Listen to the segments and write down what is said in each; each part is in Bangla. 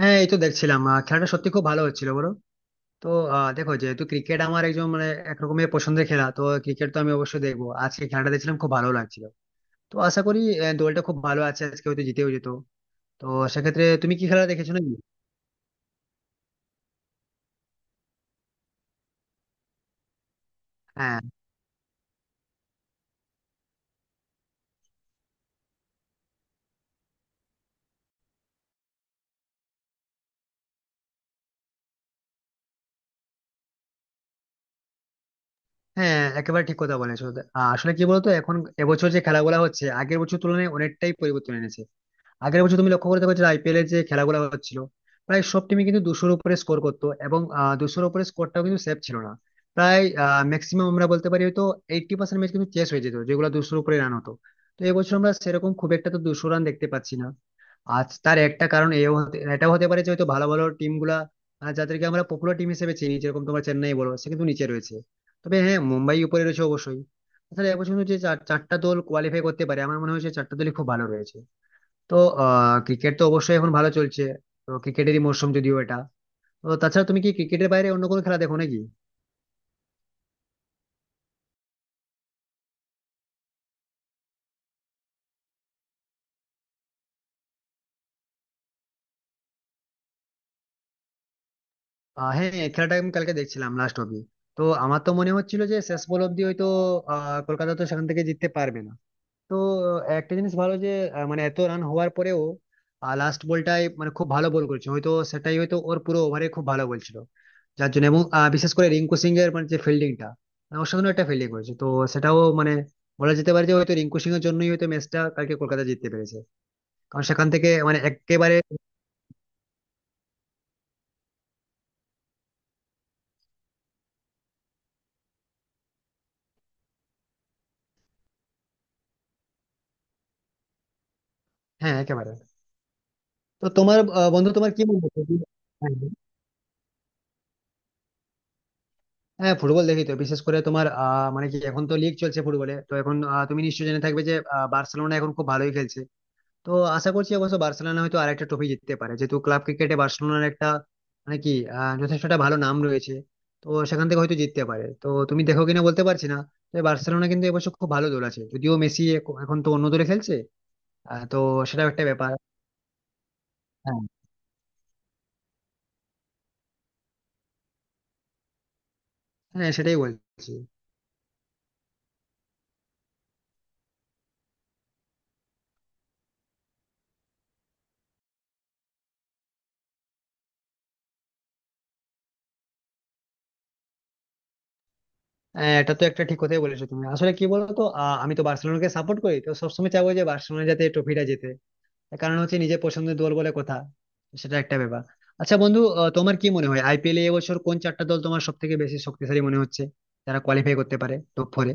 হ্যাঁ, এই তো দেখছিলাম, খেলাটা সত্যি খুব ভালো হচ্ছিল বলো। তো দেখো, যেহেতু ক্রিকেট আমার একজন মানে একরকমের পছন্দের খেলা, তো ক্রিকেট তো আমি অবশ্যই দেখবো। আজকে খেলাটা দেখছিলাম, খুব ভালো লাগছিল। তো আশা করি দলটা খুব ভালো আছে, আজকে হয়তো জিতেও যেত। তো সেক্ষেত্রে তুমি কি খেলা দেখেছো নাকি? হ্যাঁ। হ্যাঁ, একেবারে ঠিক কথা বলেছো। আসলে কি বলতো, এখন এবছর যে খেলাগুলো হচ্ছে, আগের বছর তুলনায় অনেকটাই পরিবর্তন এনেছে। আগের বছর তুমি লক্ষ্য করে দেখো যে আইপিএলের যে খেলাগুলো হচ্ছিল, প্রায় সব টিমই কিন্তু দুশোর উপরে স্কোর করতো, এবং দুশোর উপরে স্কোরটাও কিন্তু সেফ ছিল না। প্রায় ম্যাক্সিমাম আমরা বলতে পারি হয়তো 80% ম্যাচ কিন্তু চেস হয়ে যেত, যেগুলো দুশোর উপরে রান হতো। তো এবছর আমরা সেরকম খুব একটা তো দুশো রান দেখতে পাচ্ছি না। আজ তার একটা কারণ এও হতে এটাও হতে পারে যে হয়তো ভালো ভালো টিম গুলা, যাদেরকে আমরা পপুলার টিম হিসেবে চিনি, যেরকম তোমার চেন্নাই বলো, সে কিন্তু নিচে রয়েছে। তবে হ্যাঁ, মুম্বাই উপরে রয়েছে অবশ্যই। তাহলে এবছর কিন্তু যে চারটা দল কোয়ালিফাই করতে পারে, আমার মনে হয় যে চারটা দলই খুব ভালো রয়েছে। তো আহ, ক্রিকেট তো অবশ্যই এখন ভালো চলছে। তো ক্রিকেটেরই মরশুম যদিও এটা। তো তাছাড়া তুমি কি ক্রিকেটের বাইরে অন্য কোনো খেলা দেখো নাকি? হ্যাঁ, এই খেলাটা আমি কালকে দেখছিলাম লাস্ট অব্দি। তো আমার তো মনে হচ্ছিল যে শেষ বল অব্দি হয়তো আহ, কলকাতা তো সেখান থেকে জিততে পারবে না। তো একটা জিনিস ভালো যে মানে এত রান হওয়ার পরেও লাস্ট বলটায় মানে খুব ভালো বল করেছে, হয়তো সেটাই, হয়তো ওর পুরো ওভারে খুব ভালো বলছিল। যার জন্য এবং বিশেষ করে রিঙ্কু সিং এর মানে যে ফিল্ডিংটা, অসাধারণ একটা ফিল্ডিং করেছে। তো সেটাও মানে বলা যেতে পারে যে হয়তো রিঙ্কু সিং এর জন্যই হয়তো ম্যাচটা কালকে কলকাতা জিততে পেরেছে। কারণ সেখান থেকে মানে একেবারে। হ্যাঁ, একেবারে। তো তোমার বন্ধু, তোমার কি মনে হচ্ছে যে-? হ্যাঁ। হ্যাঁ, ফুটবল দেখি তো, বিশেষ করে তোমার মানে কি এখন তো লিগ চলছে ফুটবলে, তো এখন তুমি নিশ্চয়ই জেনে থাকবে যে বার্সেলোনা এখন খুব ভালোই খেলছে। তো আশা করছি অবশ্য বার্সেলোনা হয়তো আরেকটা ট্রফি জিততে পারে, যেহেতু ক্লাব ক্রিকেটে বার্সেলোনার একটা মানে কি যথেষ্ট একটা ভালো নাম রয়েছে। তো সেখান থেকে হয়তো জিততে পারে, তো তুমি দেখো কিনা বলতে পারছি না। তো এই বার্সেলোনা কিন্তু এবছর খুব ভালো দল আছে, যদিও মেসি এখন তো অন্য দলে খেলছে। তো সেটাও একটা ব্যাপার। হ্যাঁ। হ্যাঁ, সেটাই বলছি। হ্যাঁ, এটা তো একটা ঠিক কথাই বলেছো তুমি। আসলে কি বলতো, আমি তো বার্সেলোনাকে সাপোর্ট করি, তো সবসময় চাইবো যে বার্সেলোনা যাতে ট্রফিটা জেতে। তার কারণ হচ্ছে নিজের পছন্দের দল বলে কথা। সেটা একটা ব্যাপার। আচ্ছা বন্ধু, তোমার কি মনে হয় আইপিএল এ এবছর কোন চারটা দল তোমার সব থেকে বেশি শক্তিশালী মনে হচ্ছে, যারা কোয়ালিফাই করতে পারে টপ ফোরে?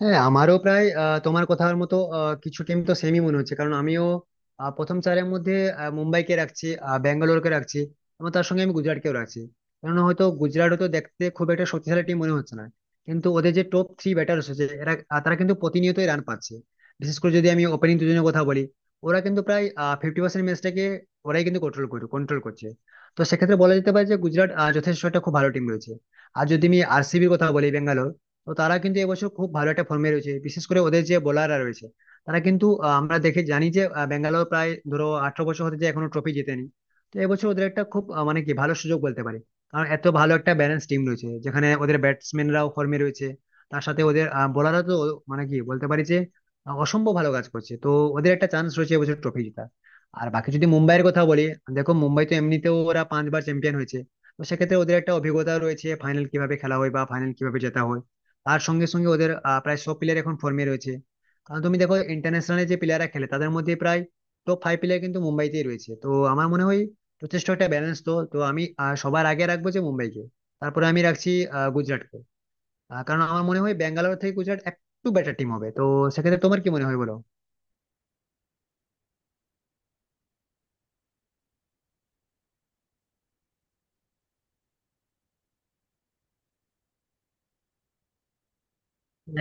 হ্যাঁ, আমারও প্রায় তোমার কথার মতো কিছু টিম তো সেমই মনে হচ্ছে, কারণ আমিও প্রথম চারের মধ্যে মুম্বাইকে রাখছি, ব্যাঙ্গালোরকে রাখছি, এবং তার সঙ্গে আমি গুজরাটকেও রাখছি। কারণ হয়তো গুজরাট হয়তো দেখতে খুব একটা শক্তিশালী টিম মনে হচ্ছে না, কিন্তু ওদের যে টপ থ্রি ব্যাটার হচ্ছে এরা, তারা কিন্তু প্রতিনিয়তই রান পাচ্ছে। বিশেষ করে যদি আমি ওপেনিং দুজনের কথা বলি, ওরা কিন্তু প্রায় 50% ম্যাচটাকে ওরাই কিন্তু কন্ট্রোল করছে। তো সেক্ষেত্রে বলা যেতে পারে যে গুজরাট যথেষ্ট একটা খুব ভালো টিম রয়েছে। আর যদি আমি আরসিবির কথা বলি, বেঙ্গালোর, তো তারা কিন্তু এবছর খুব ভালো একটা ফর্মে রয়েছে, বিশেষ করে ওদের যে বোলাররা রয়েছে। তারা কিন্তু আমরা দেখে জানি যে ব্যাঙ্গালোর প্রায় ধরো 18 বছর হতে যে এখনো ট্রফি জেতেনি। তো এবছর ওদের একটা খুব মানে কি ভালো সুযোগ বলতে পারি। কারণ এত ভালো একটা ব্যালেন্স টিম রয়েছে, যেখানে ওদের ব্যাটসম্যানরাও ফর্মে রয়েছে, তার সাথে ওদের বোলাররা তো মানে কি বলতে পারি যে অসম্ভব ভালো কাজ করছে। তো ওদের একটা চান্স রয়েছে এবছর ট্রফি জেতার। আর বাকি যদি মুম্বাইয়ের কথা বলি, দেখো মুম্বাই তো এমনিতেও ওরা পাঁচবার চ্যাম্পিয়ন হয়েছে, তো সেক্ষেত্রে ওদের একটা অভিজ্ঞতা রয়েছে ফাইনাল কিভাবে খেলা হয় বা ফাইনাল কিভাবে জেতা হয়। তার সঙ্গে সঙ্গে ওদের প্রায় সব প্লেয়ার এখন ফর্মে রয়েছে। কারণ তুমি দেখো, ইন্টারন্যাশনালে যে প্লেয়াররা খেলে তাদের মধ্যে প্রায় টপ ফাইভ প্লেয়ার কিন্তু মুম্বাইতেই রয়েছে। তো আমার মনে হয় যথেষ্ট একটা ব্যালেন্স, তো তো আমি সবার আগে রাখবো যে মুম্বাইকে। তারপরে আমি রাখছি গুজরাটকে। কারণ আমার মনে হয় ব্যাঙ্গালোর থেকে গুজরাট একটু বেটার টিম হবে। তো সেক্ষেত্রে তোমার কি মনে হয় বলো?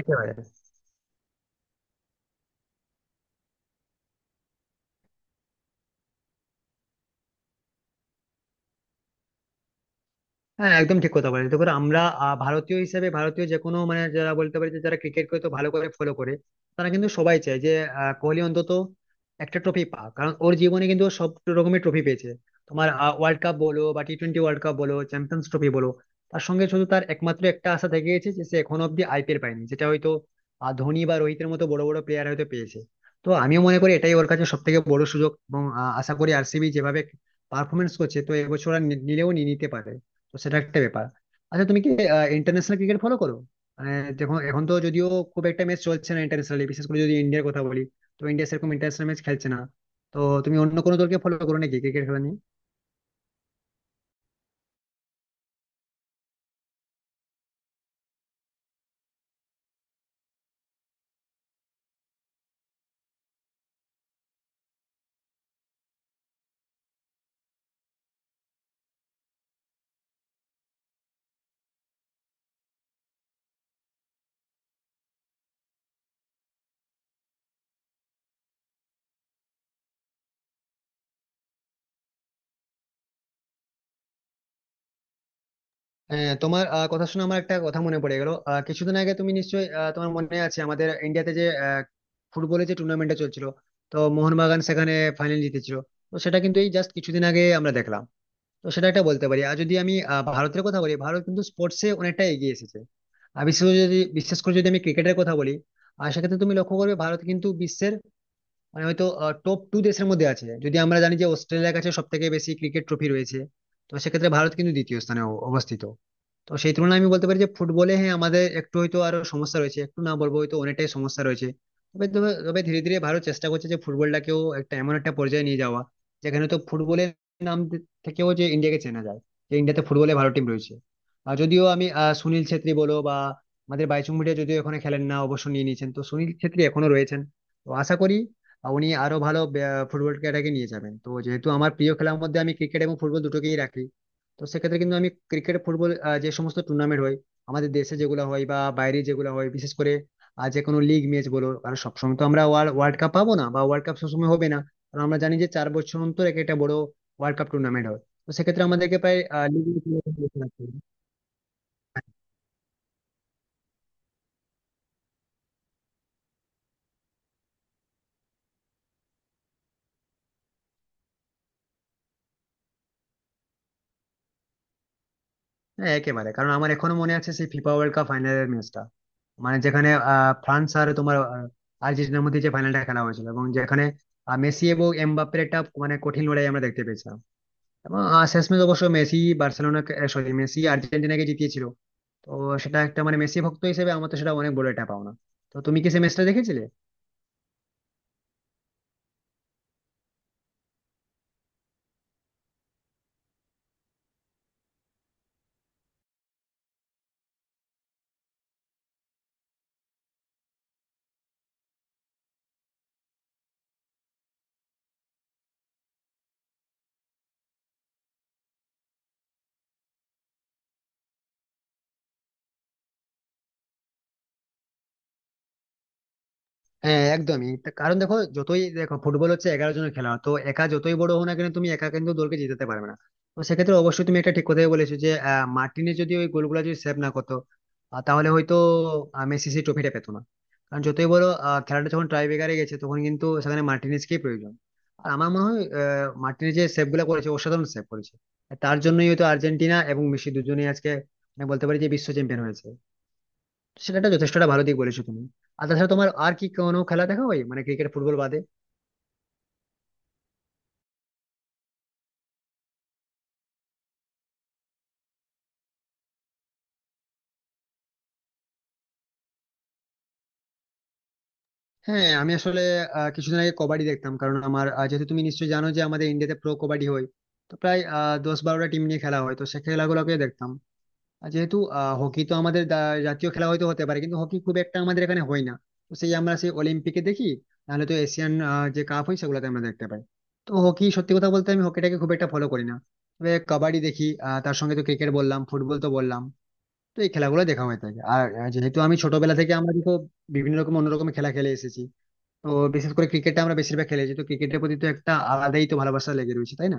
একেবারে। হ্যাঁ, একদম ঠিক কথা বলে, দেখো আমরা ভারতীয় হিসেবে, ভারতীয় যে কোনো মানে যারা বলতে পারি যে যারা ক্রিকেটকে তো ভালো করে ফলো করে, তারা কিন্তু সবাই চায় যে কোহলি অন্তত একটা ট্রফি পাক। কারণ ওর জীবনে কিন্তু ও সব রকমের ট্রফি পেয়েছে, তোমার ওয়ার্ল্ড কাপ বলো বা টি টোয়েন্টি ওয়ার্ল্ড কাপ বলো, চ্যাম্পিয়ন্স ট্রফি বলো। তার সঙ্গে শুধু তার একমাত্র একটা আশা থেকে গেছে যে সে এখনো অব্দি আইপিএল পায়নি, যেটা হয়তো ধোনি বা রোহিতের মতো বড় বড় প্লেয়ার হয়তো পেয়েছে। তো আমিও মনে করি এটাই ওর কাছে সব থেকে বড় সুযোগ, এবং আশা করি আরসিবি যেভাবে পারফরমেন্স করছে, তো এবছর আর নিলেও নিয়ে নিতে পারে। তো সেটা একটা ব্যাপার। আচ্ছা, তুমি কি ইন্টারন্যাশনাল ক্রিকেট ফলো করো? মানে দেখো, এখন তো যদিও খুব একটা ম্যাচ চলছে না ইন্টারন্যাশনালি, বিশেষ করে যদি ইন্ডিয়ার কথা বলি, তো ইন্ডিয়া সেরকম ইন্টারন্যাশনাল ম্যাচ খেলছে না। তো তুমি অন্য কোনো দলকে ফলো করো নাকি ক্রিকেট খেলা নিয়ে? হ্যাঁ, তোমার কথা শুনে আমার একটা কথা মনে পড়ে গেল। কিছুদিন আগে তুমি নিশ্চয়ই তোমার মনে আছে আমাদের ইন্ডিয়াতে যে ফুটবলের যে টুর্নামেন্টটা চলছিল, তো মোহনবাগান সেখানে ফাইনাল জিতেছিল। তো সেটা কিন্তু এই জাস্ট কিছুদিন আগে আমরা দেখলাম। তো সেটা একটা বলতে পারি। আর যদি আমি ভারতের কথা বলি, ভারত কিন্তু স্পোর্টসে অনেকটা এগিয়ে এসেছে। আর বিশেষ করে যদি আমি ক্রিকেটের কথা বলি, আর সেক্ষেত্রে তুমি লক্ষ্য করবে ভারত কিন্তু বিশ্বের মানে হয়তো টপ টু দেশের মধ্যে আছে, যদি আমরা জানি যে অস্ট্রেলিয়ার কাছে সব থেকে বেশি ক্রিকেট ট্রফি রয়েছে। তো সেক্ষেত্রে ভারত কিন্তু দ্বিতীয় স্থানে অবস্থিত। তো সেই তুলনায় আমি বলতে পারি যে ফুটবলে, হ্যাঁ, আমাদের একটু হয়তো আরো সমস্যা রয়েছে, একটু না বলবো হয়তো অনেকটাই সমস্যা রয়েছে। তবে তবে তবে ধীরে ধীরে ভারত চেষ্টা করছে যে ফুটবলটাকেও একটা এমন একটা পর্যায়ে নিয়ে যাওয়া, যেখানে তো ফুটবলের নাম থেকেও যে ইন্ডিয়াকে চেনা যায়, যে ইন্ডিয়াতে ফুটবলে ভালো টিম রয়েছে। আর যদিও আমি সুনীল ছেত্রী বলো বা আমাদের বাইচুং ভুটিয়া, যদিও এখানে খেলেন না, অবসর নিয়ে নিয়েছেন, তো সুনীল ছেত্রী এখনো রয়েছেন। তো আশা করি উনি আরো ভালো ফুটবল খেলাটাকে নিয়ে যাবেন। তো যেহেতু আমার প্রিয় খেলার মধ্যে আমি ক্রিকেট এবং ফুটবল দুটোকেই রাখি, তো সেক্ষেত্রে কিন্তু আমি ক্রিকেট ফুটবল যে সমস্ত টুর্নামেন্ট হয় আমাদের দেশে যেগুলো হয় বা বাইরে যেগুলো হয়, বিশেষ করে যে কোনো লিগ ম্যাচ বলো, কারণ সবসময় তো আমরা ওয়ার্ল্ড কাপ পাবো না বা ওয়ার্ল্ড কাপ সবসময় হবে না। কারণ আমরা জানি যে 4 বছর অন্তর এক একটা বড় ওয়ার্ল্ড কাপ টুর্নামেন্ট হয়। তো সেক্ষেত্রে আমাদেরকে প্রায় league এর খেলা দেখতে হবে। হ্যাঁ, একেবারে, কারণ আমার এখনো মনে আছে সেই ফিফা ওয়ার্ল্ড কাপ ফাইনালের ম্যাচটা, মানে যেখানে ফ্রান্স আর তোমার আর্জেন্টিনার মধ্যে যে ফাইনালটা খেলা হয়েছিল, এবং যেখানে মেসি এবং এমবাপ্পের একটা মানে কঠিন লড়াই আমরা দেখতে পেয়েছিলাম। এবং শেষমেশ অবশ্য মেসি বার্সেলোনা, সরি মেসি আর্জেন্টিনাকে জিতিয়েছিল। তো সেটা একটা মানে মেসি ভক্ত হিসেবে আমার তো সেটা অনেক বড় একটা পাওনা। তো তুমি কি সেই ম্যাচটা দেখেছিলে? হ্যাঁ একদমই তা, কারণ দেখো, যতই দেখো ফুটবল হচ্ছে 11 জনের খেলা, তো একা যতই বড় হও না কেন, তুমি একা কিন্তু দলকে জিতাতে পারবে না। তো সেক্ষেত্রে অবশ্যই তুমি একটা ঠিক কথাই বলেছো যে মার্টিনে যদি ওই গোলগুলো যদি সেভ না করতো, তাহলে হয়তো মেসি সেই ট্রফিটা পেতো না। কারণ যতই বড় আহ, খেলাটা যখন টাই ব্রেকারে গেছে, তখন কিন্তু সেখানে মার্টিনেজকেই প্রয়োজন। আর আমার মনে হয় মার্টিনেজ যে সেভ গুলা করেছে, অসাধারণ সেভ করেছে। তার জন্যই হয়তো আর্জেন্টিনা এবং মেসি দুজনেই আজকে মানে বলতে পারি যে বিশ্ব চ্যাম্পিয়ন হয়েছে। সেটা একটা যথেষ্টটা ভালো দিক বলেছো তুমি। আর তাছাড়া তোমার আর কি কোনো খেলা দেখা হয় মানে ক্রিকেট ফুটবল বাদে? হ্যাঁ, আমি আসলে কিছুদিন আগে কবাডি দেখতাম। কারণ আমার যেহেতু তুমি নিশ্চয়ই জানো যে আমাদের ইন্ডিয়াতে প্রো কবাডি হয়, তো প্রায় 10-12টা টিম নিয়ে খেলা হয়, তো সে খেলাগুলোকে দেখতাম। আর যেহেতু হকি তো আমাদের জাতীয় খেলা হয়তো হতে পারে, কিন্তু হকি খুব একটা আমাদের এখানে হয় না। তো সেই আমরা সেই অলিম্পিকে দেখি, নাহলে তো এশিয়ান যে কাপ হয় সেগুলোতে আমরা দেখতে পাই। তো হকি সত্যি কথা বলতে আমি হকিটাকে খুব একটা ফলো করি না, তবে কবাডি দেখি। তার সঙ্গে তো ক্রিকেট বললাম, ফুটবল তো বললাম। তো এই খেলাগুলো দেখা হয়ে থাকে। আর যেহেতু আমি ছোটবেলা থেকে আমরা তো বিভিন্ন রকম অন্য রকম খেলা খেলে এসেছি, তো বিশেষ করে ক্রিকেটটা আমরা বেশিরভাগ খেলেছি, তো ক্রিকেটের প্রতি তো একটা আলাদাই তো ভালোবাসা লেগে রয়েছে তাই না।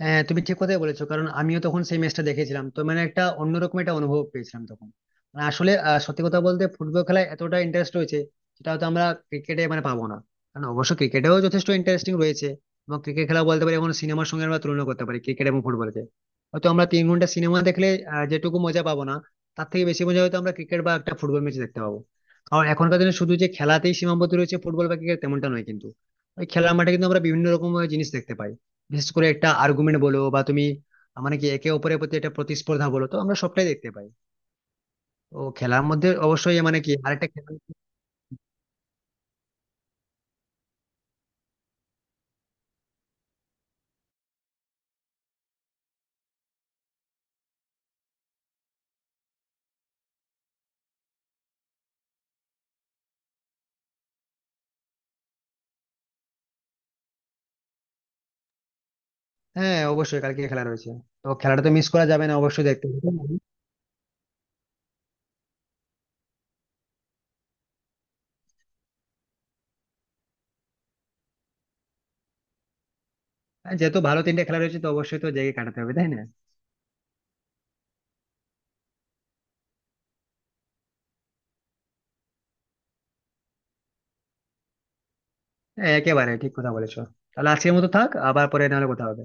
হ্যাঁ, তুমি ঠিক কথাই বলেছো, কারণ আমিও তখন সেই ম্যাচটা দেখেছিলাম, তো মানে একটা অন্যরকম একটা অনুভব পেয়েছিলাম তখন। মানে আসলে সত্যি কথা বলতে ফুটবল খেলায় এতটা ইন্টারেস্ট রয়েছে, যেটা হয়তো আমরা ক্রিকেটে মানে পাবো না। কারণ অবশ্য ক্রিকেটেও যথেষ্ট ইন্টারেস্টিং রয়েছে, এবং ক্রিকেট খেলা বলতে পারি এখন সিনেমার সঙ্গে আমরা তুলনা করতে পারি ক্রিকেট এবং ফুটবলকে। হয়তো আমরা 3 ঘন্টা সিনেমা দেখলে যেটুকু মজা পাবো না, তার থেকে বেশি মজা হয়তো আমরা ক্রিকেট বা একটা ফুটবল ম্যাচ দেখতে পাবো। কারণ এখনকার দিনে শুধু যে খেলাতেই সীমাবদ্ধ রয়েছে ফুটবল বা ক্রিকেট তেমনটা নয় কিন্তু, ওই খেলার মাঠে কিন্তু আমরা বিভিন্ন রকম জিনিস দেখতে পাই। বিশেষ করে একটা আর্গুমেন্ট বলো বা তুমি মানে কি একে অপরের প্রতি একটা প্রতিস্পর্ধা বলো, তো আমরা সবটাই দেখতে পাই। তো খেলার মধ্যে অবশ্যই মানে কি আরেকটা খেলা। হ্যাঁ, অবশ্যই কালকে খেলা রয়েছে, তো খেলাটা তো মিস করা যাবে না, অবশ্যই দেখতে হবে। হ্যাঁ, যেহেতু ভালো তিনটে খেলা রয়েছে, তো অবশ্যই তো জেগে কাটাতে হবে তাই না। হ্যাঁ, একেবারে ঠিক কথা বলেছো। তাহলে আজকের মতো থাক, আবার পরে নাহলে কথা হবে।